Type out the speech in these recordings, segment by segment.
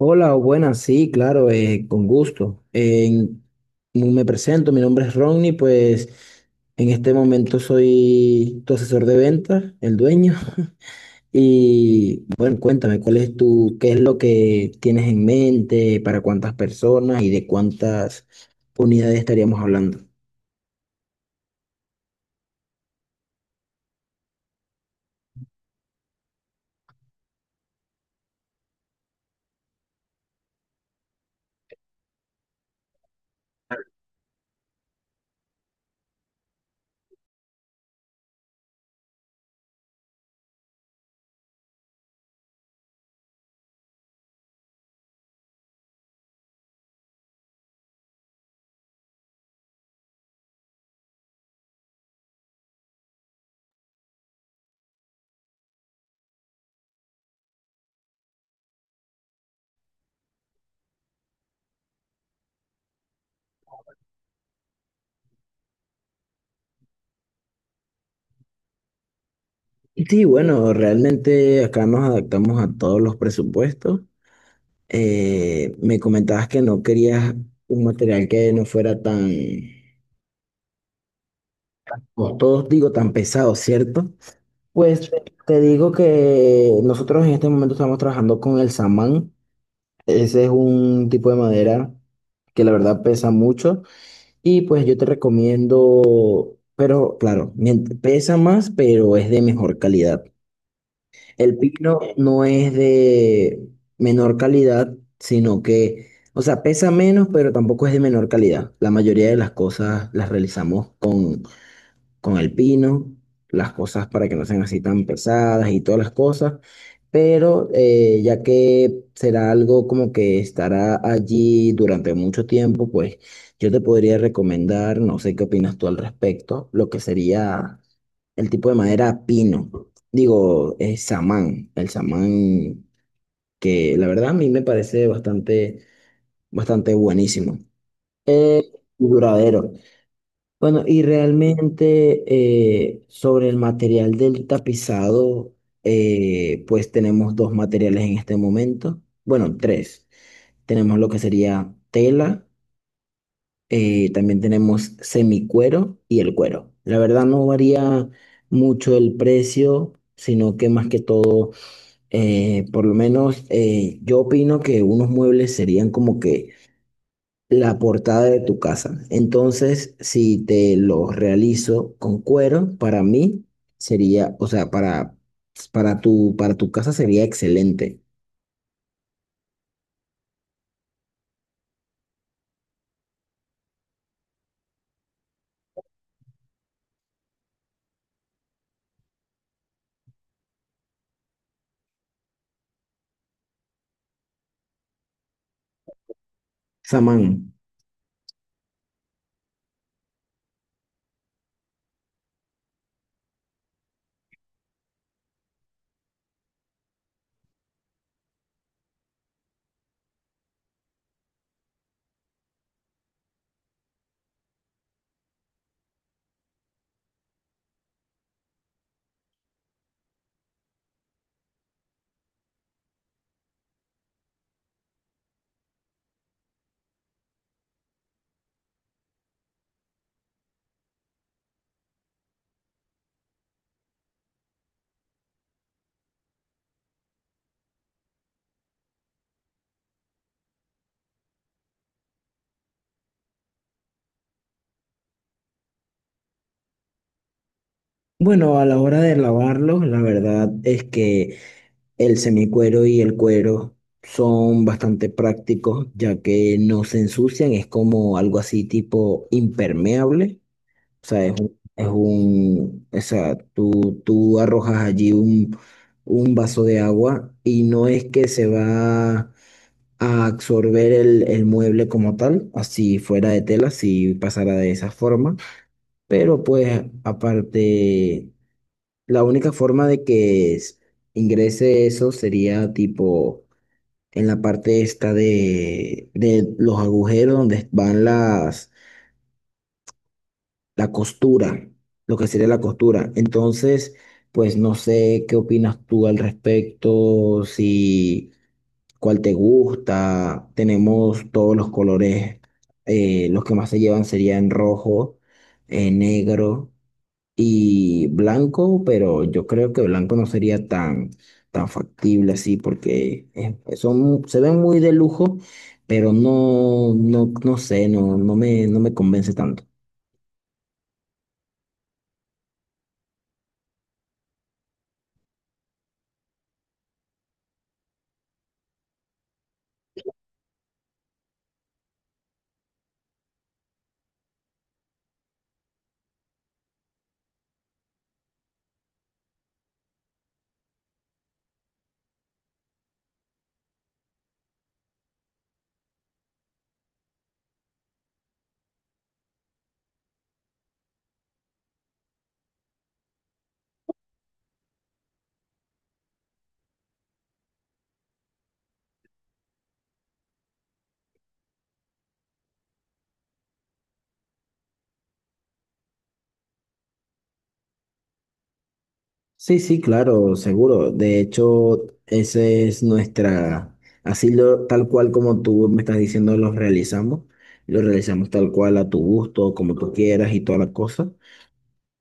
Hola, buenas, sí, claro, con gusto. Me presento, mi nombre es Ronnie, pues en este momento soy tu asesor de ventas, el dueño. Y bueno, cuéntame, ¿cuál es tu, qué es lo que tienes en mente, para cuántas personas y de cuántas unidades estaríamos hablando? Sí, bueno, realmente acá nos adaptamos a todos los presupuestos. Me comentabas que no querías un material que no fuera tan, como todos digo, tan pesado, ¿cierto? Pues te digo que nosotros en este momento estamos trabajando con el samán. Ese es un tipo de madera que la verdad pesa mucho. Y pues yo te recomiendo, pero claro, pesa más, pero es de mejor calidad. El pino no es de menor calidad, sino que, o sea, pesa menos, pero tampoco es de menor calidad. La mayoría de las cosas las realizamos con el pino, las cosas para que no sean así tan pesadas y todas las cosas, pero ya que será algo como que estará allí durante mucho tiempo, pues yo te podría recomendar, no sé qué opinas tú al respecto, lo que sería el tipo de madera pino, digo, samán, el samán, que la verdad a mí me parece bastante, bastante buenísimo. Eh, y duradero. Bueno, y realmente sobre el material del tapizado, pues tenemos dos materiales en este momento. Bueno, tres. Tenemos lo que sería tela, también tenemos semicuero y el cuero. La verdad no varía mucho el precio, sino que más que todo, por lo menos yo opino que unos muebles serían como que la portada de tu casa. Entonces, si te lo realizo con cuero, para mí sería, o sea, para tu casa sería excelente. Samán. Bueno, a la hora de lavarlo, la verdad es que el semicuero y el cuero son bastante prácticos, ya que no se ensucian, es como algo así tipo impermeable. O sea, es un, o sea, tú arrojas allí un vaso de agua y no es que se va a absorber el mueble como tal, así fuera de tela, si pasara de esa forma. Pero pues aparte, la única forma de que ingrese eso sería tipo en la parte esta de los agujeros donde van las, la costura, lo que sería la costura. Entonces, pues no sé qué opinas tú al respecto, si cuál te gusta. Tenemos todos los colores, los que más se llevan serían rojo, negro y blanco, pero yo creo que blanco no sería tan, tan factible así porque pues, son, se ven muy de lujo, pero no, no, no sé, no, no me, no me convence tanto. Sí, sí, claro, seguro. De hecho, esa es nuestra, así lo, tal cual como tú me estás diciendo, los realizamos. Lo realizamos tal cual a tu gusto, como tú quieras y toda la cosa.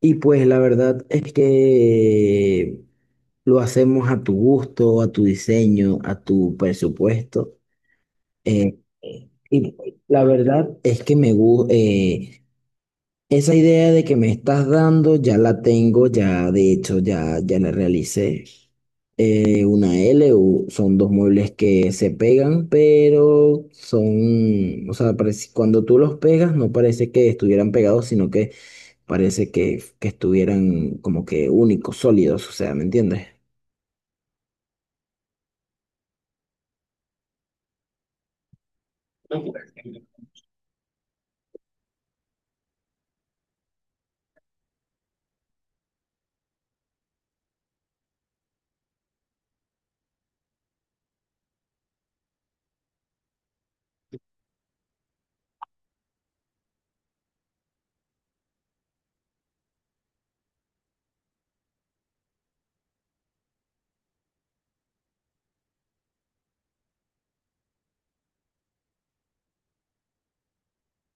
Y pues la verdad es que lo hacemos a tu gusto, a tu diseño, a tu presupuesto. Y la verdad es que me gusta. Esa idea de que me estás dando ya la tengo, ya de hecho ya, ya la realicé. Una L, son dos muebles que se pegan, pero son, o sea, cuando tú los pegas no parece que estuvieran pegados, sino que parece que estuvieran como que únicos, sólidos, o sea, ¿me entiendes?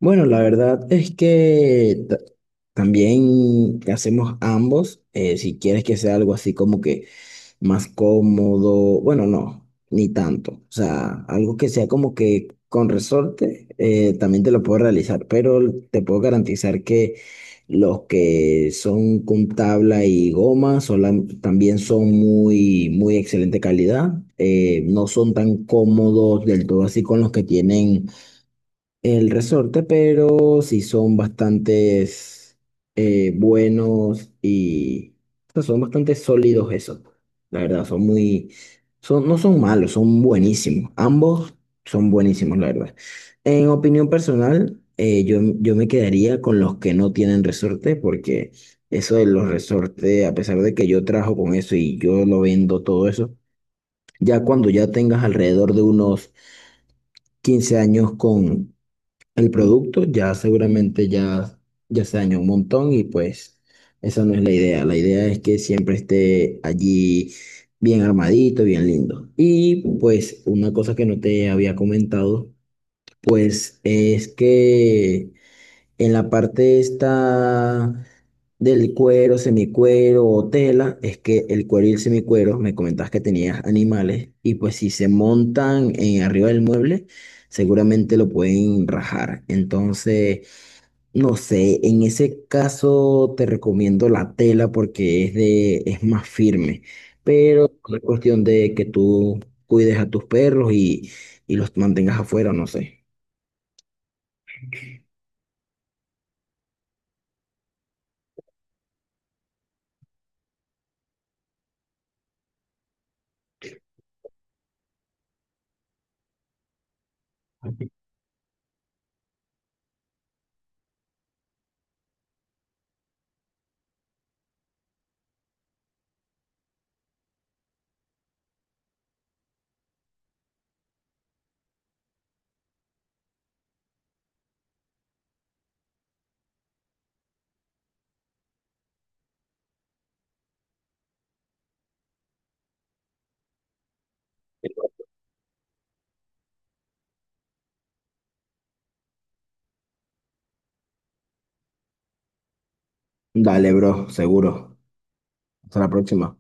Bueno, la verdad es que también hacemos ambos. Si quieres que sea algo así como que más cómodo, bueno, no, ni tanto. O sea, algo que sea como que con resorte, también te lo puedo realizar, pero te puedo garantizar que los que son con tabla y goma también son muy, muy excelente calidad. No son tan cómodos del todo así con los que tienen el resorte, pero sí son bastantes, buenos y, o sea, son bastante sólidos esos. Pues, la verdad, son muy, son, no son malos, son buenísimos. Ambos son buenísimos, la verdad. En opinión personal, yo, yo me quedaría con los que no tienen resorte, porque eso de los resortes, a pesar de que yo trabajo con eso y yo lo vendo todo eso, ya cuando ya tengas alrededor de unos 15 años con el producto, ya seguramente ya, ya se dañó un montón y pues esa no es la idea. La idea es que siempre esté allí bien armadito, bien lindo. Y pues una cosa que no te había comentado, pues es que en la parte esta del cuero, semicuero o tela, es que el cuero y el semicuero, me comentabas que tenías animales, y pues si se montan en arriba del mueble, seguramente lo pueden rajar. Entonces, no sé, en ese caso te recomiendo la tela porque es de, es más firme, pero es cuestión de que tú cuides a tus perros y los mantengas afuera, no sé. Dale, bro, seguro. Hasta la próxima.